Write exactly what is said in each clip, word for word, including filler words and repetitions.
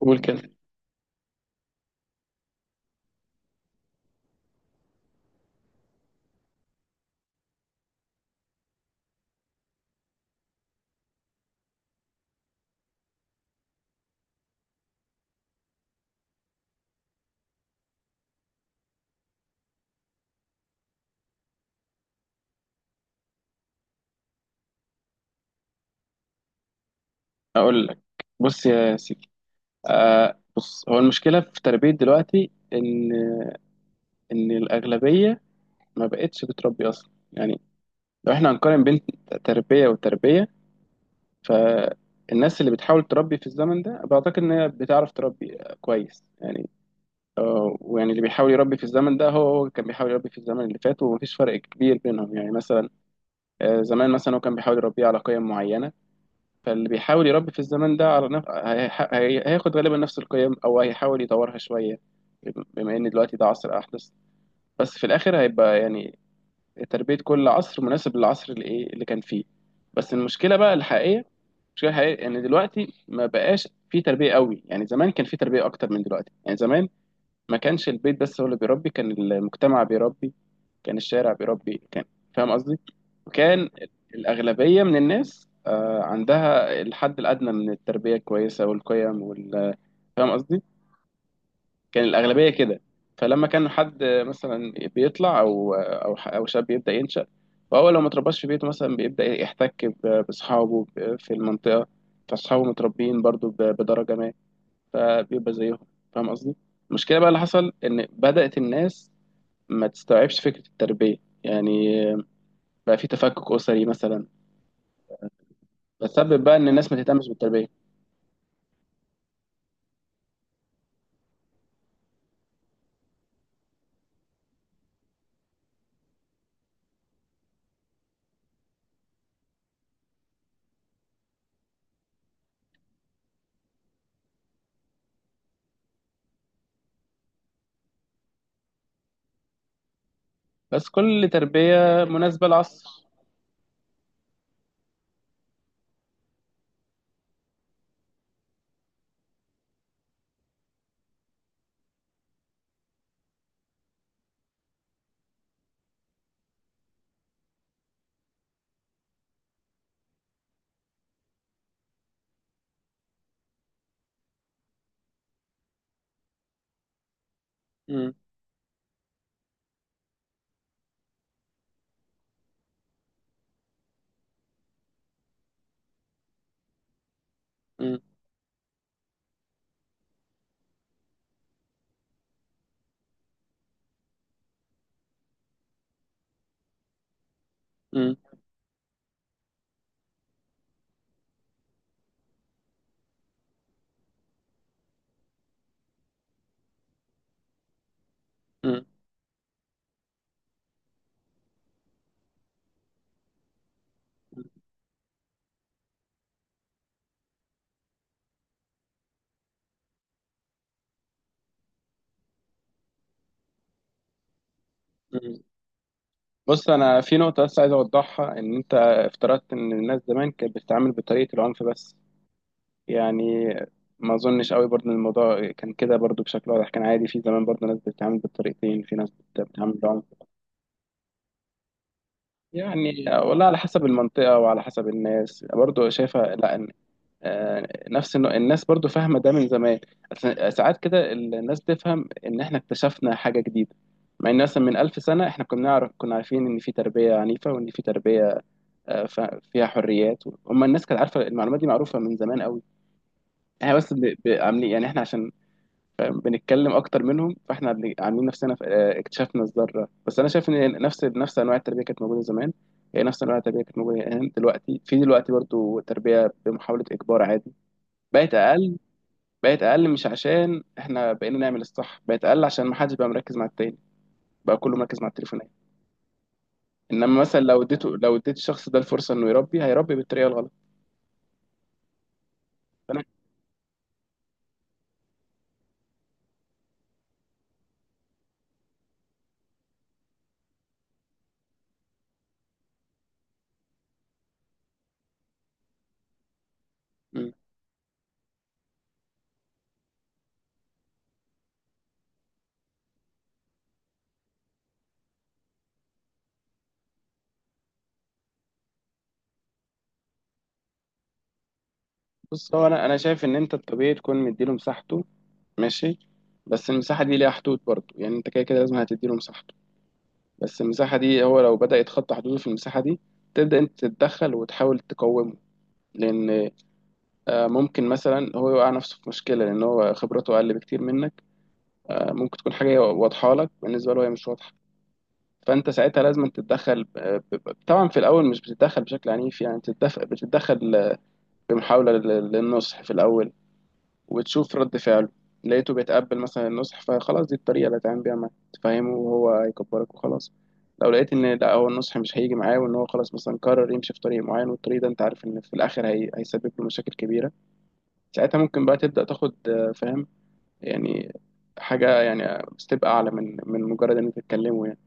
قول كده. اقول لك، بص يا سيدي. آه بص، هو المشكله في تربيه دلوقتي ان ان الاغلبيه ما بقتش بتربي اصلا يعني. لو احنا هنقارن بين تربيه وتربيه، فالناس اللي بتحاول تربي في الزمن ده بعتقد ان هي بتعرف تربي كويس يعني. آه، ويعني اللي بيحاول يربي في الزمن ده هو هو كان بيحاول يربي في الزمن اللي فات، ومفيش فرق كبير بينهم يعني. مثلا آه، زمان مثلا هو كان بيحاول يربيه على قيم معينه، فاللي بيحاول يربي في الزمان ده على نف... هيح- هي... هياخد غالبا نفس القيم او هيحاول يطورها شويه، بم- بما ان دلوقتي ده عصر احدث. بس في الاخر هيبقى يعني تربيه كل عصر مناسب للعصر اللي ايه اللي كان فيه. بس المشكله بقى الحقيقيه، المشكله الحقيقيه ان دلوقتي ما بقاش في تربيه قوي. يعني زمان كان في تربيه اكتر من دلوقتي. يعني زمان ما كانش البيت بس هو اللي بيربي، كان المجتمع بيربي، كان الشارع بيربي، كان فاهم قصدي. وكان الأغلبية من الناس آه، عندها الحد الأدنى من التربية الكويسة والقيم وال، فاهم قصدي، كان الأغلبية كده. فلما كان حد مثلا بيطلع أو أو ح- أو شاب يبدأ ينشأ، فهو لو ما اترباش في بيته مثلا بيبدأ يحتك ب- بأصحابه ب- في المنطقة، فأصحابه متربيين برضو ب- بدرجة ما، فبيبقى زيهم. فاهم قصدي. المشكلة بقى اللي حصل إن بدأت الناس ما تستوعبش فكرة التربية، يعني بقى في تفكك أسري مثلا، بتسبب بقى إن الناس ما تهتمش بالتربية. بس كل تربية مناسبة للعصر. مم. مم. مم. مم. مم. بص، أنا في نقطة بس عايز أوضحها، إن أنت افترضت إن الناس زمان كانت بتتعامل بطريقة العنف بس، يعني ما أظنش قوي برضه إن الموضوع كان كده برضه بشكل واضح. كان عادي في زمان برضه ناس بتتعامل بالطريقتين، في ناس بت- بتتعامل بالعنف يعني، والله على حسب المنطقة وعلى حسب الناس برضه شايفة لا. آه، نفس النوع- الناس برضو فاهمة ده من زمان. أس- ساعات كده الناس تفهم إن إحنا اكتشفنا حاجة جديدة، مع إن مثلا من ألف سنة إحنا كنا نعرف، كنا عارفين إن في تربية عنيفة وإن في تربية آه، ف- فيها حريات. هما الناس كانت عارفة، المعلومات دي معروفة من زمان قوي. إحنا بس ب- ب- عاملين يعني، إحنا عشان فاهم بنتكلم أكتر منهم، فإحنا اللي عاملين نفسنا ف- آه، اكتشفنا الذرة. بس أنا شايف إن نفس نفس أنواع التربية كانت موجودة زمان. هي نفس أنواع التربية كانت موجودة، هنا دلوقتي في دلوقتي برضو تربية بمحاولة إجبار عادي، بقت أقل. بقت اقل مش عشان احنا بقينا نعمل الصح، بقت اقل عشان ما حدش بقى مركز مع التاني، بقى كله مركز مع التليفونات. انما مثلا لو اديته، لو اديت الشخص ده الفرصه انه يربي، هيربي بالطريقه الغلط. فانا، مم. بص، هو انا انا شايف ان انت الطبيعي تكون مديله مساحته، ماشي، بس المساحه دي ليها حدود برضه. يعني انت كده كده لازم هتديله مساحته، بس المساحه دي هو لو بدا يتخطى حدوده في المساحه دي، تبدا انت تتدخل وتحاول تقومه. لان آه، ممكن مثلا هو يوقع نفسه في مشكله، لان هو خبرته اقل بكتير منك. آه، ممكن تكون حاجه واضحه لك، بالنسبه له هي مش واضحه. فانت ساعتها لازم تتدخل ب- ب- طبعا في الاول مش بتتدخل بشكل عنيف، يعني بتتدخل بتتدخل بمحاوله لل- للنصح في الاول، وتشوف رد فعله. لقيته بيتقبل مثلا النصح، فخلاص دي الطريقه اللي هتعمل بيها معاه، تفهمه وهو هيكبرك وخلاص. لو لقيت ان لا، هو النصح مش هيجي معاه، وان هو خلاص مثلا قرر يمشي في طريق معين، والطريق ده انت عارف ان في الاخر هي... هيسبب له مشاكل كبيره، ساعتها ممكن بقى تبدا تاخد آه، فاهم يعني، حاجة يعني ستيب أعلى من من مجرد إن أنتوا تتكلموا يعني.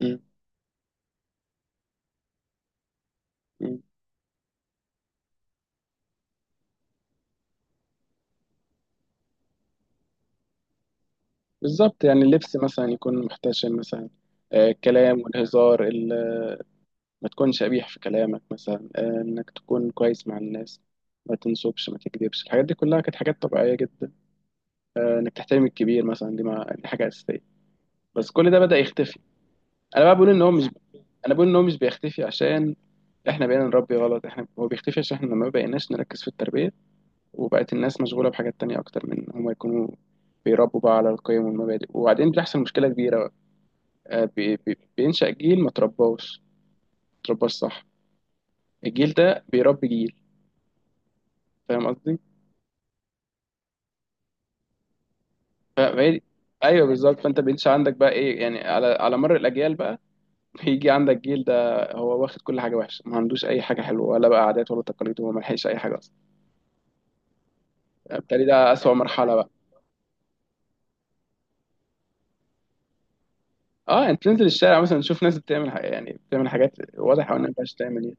مم. مم. بالظبط. يعني اللبس مثلا يكون محتشم مثلا، آه، الكلام والهزار ال- ما تكونش قبيح في كلامك مثلا، آه، إنك تكون كويس مع الناس، ما تنصبش، ما تكذبش. الحاجات دي كلها كانت حاجات طبيعية جدا. آه، إنك تحترم الكبير مثلا، دي ما دي حاجة أساسية. بس كل ده بدأ يختفي. أنا بقى بقول إن هو مش أنا بقول إن هو مش بيختفي عشان إحنا بقينا نربي غلط، إحنا هو بيختفي عشان إحنا ما بقيناش نركز في التربية، وبقت الناس مشغولة بحاجات تانية أكتر من إن هما يكونوا بيربوا بقى على القيم والمبادئ، وبعدين بيحصل مشكلة كبيرة. آه، بي- بي- بينشأ جيل ما ترباش، ما ترباش صح. الجيل ده بيربي جيل. فاهم قصدي؟ ف- فهي، أيوه بالظبط. فأنت بينشأ عندك بقى إيه يعني، على على مر الأجيال بقى بيجي عندك جيل ده هو واخد كل حاجة وحشة، ما عندوش أي حاجة حلوة ولا بقى عادات ولا تقاليد، وما لحقش أي حاجة أصلا. بالتالي ده أسوأ مرحلة بقى. أه، أنت تنزل الشارع مثلا تشوف ناس بتعمل حاجة، يعني بتعمل حاجات واضح أوي إنها ما ينفعش تعمل.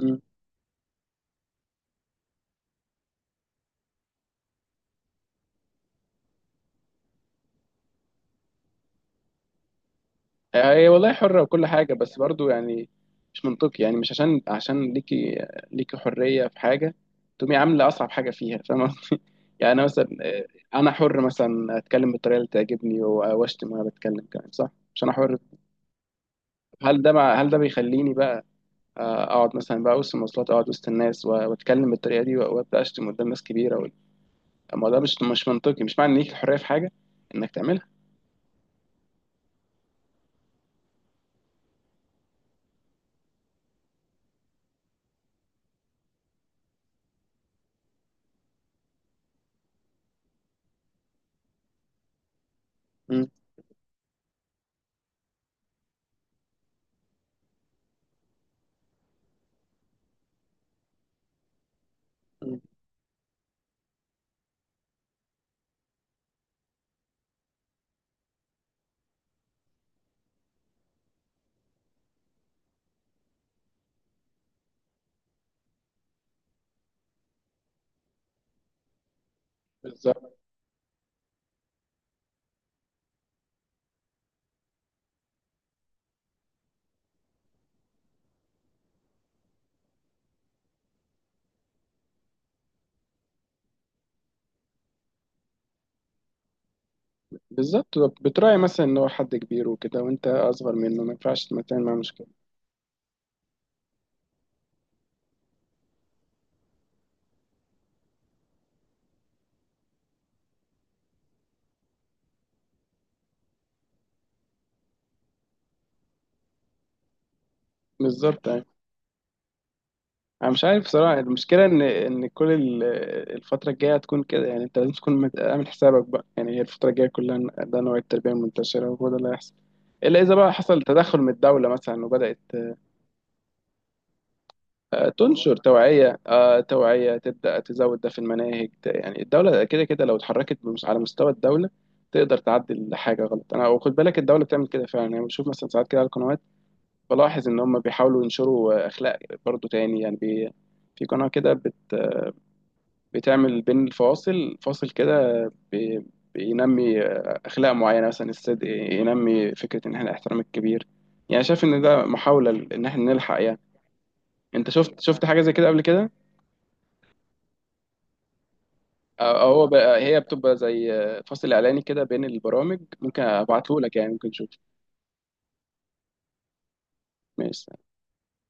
إيه، هي والله حرة وكل حاجة، بس برضو يعني مش منطقي. يعني مش عشان عشان ليكي ليكي حرية في حاجة تقومي عاملة أصعب حاجة فيها، فاهمة؟ يعني أنا مثلا آه، أنا حر مثلا أتكلم بالطريقة اللي تعجبني و- وأشتم وأنا بتكلم كمان، صح؟ مش أنا حر. هل ده مع هل ده بيخليني بقى آه، أقعد مثلا بقى وسط المواصلات، أقعد وسط الناس و- وأتكلم بالطريقة دي و- وأبدأ أشتم قدام ناس كبيرة و- أما ده مش مش منطقي. مش معنى إن ليك الحرية في حاجة إنك تعملها. مم. مم. بالظبط بالظبط، بتراعي مثلا ان هو حد كبير وكده، وانت اصغر منه ما ينفعش تعمل معاه مشكله. بالظبط يعني. انا مش عارف صراحه المشكله ان ان كل ال- الفتره الجايه هتكون كده. يعني انت لازم تكون مت- عامل حسابك بقى، يعني هي الفتره الجايه كلها ده نوع التربيه المنتشره، وهو ده اللي هيحصل. الا اذا بقى حصل تدخل من الدوله مثلا وبدات آه، تنشر توعيه، آه، توعيه تبدا تزود ده في المناهج ت- يعني الدوله كده كده لو اتحركت بمس- على مستوى الدوله تقدر تعدل حاجه غلط. انا وخد بالك الدوله بتعمل كده فعلا، يعني بشوف مثلا ساعات كده على القنوات، بلاحظ ان هم بيحاولوا ينشروا اخلاق برضو تاني. يعني بي في قناة كده بت بتعمل بين الفواصل فاصل كده بي بينمي اخلاق معينة، مثلا الصدق، ينمي فكرة ان احنا الاحترام الكبير، يعني شايف ان ده محاولة ل- ان احنا نلحق يعني. انت شفت شفت حاجة زي كده قبل كده؟ أو أو هو بقى هي بتبقى زي فاصل اعلاني كده بين البرامج. ممكن ابعته لك يعني، ممكن تشوف. ماشي.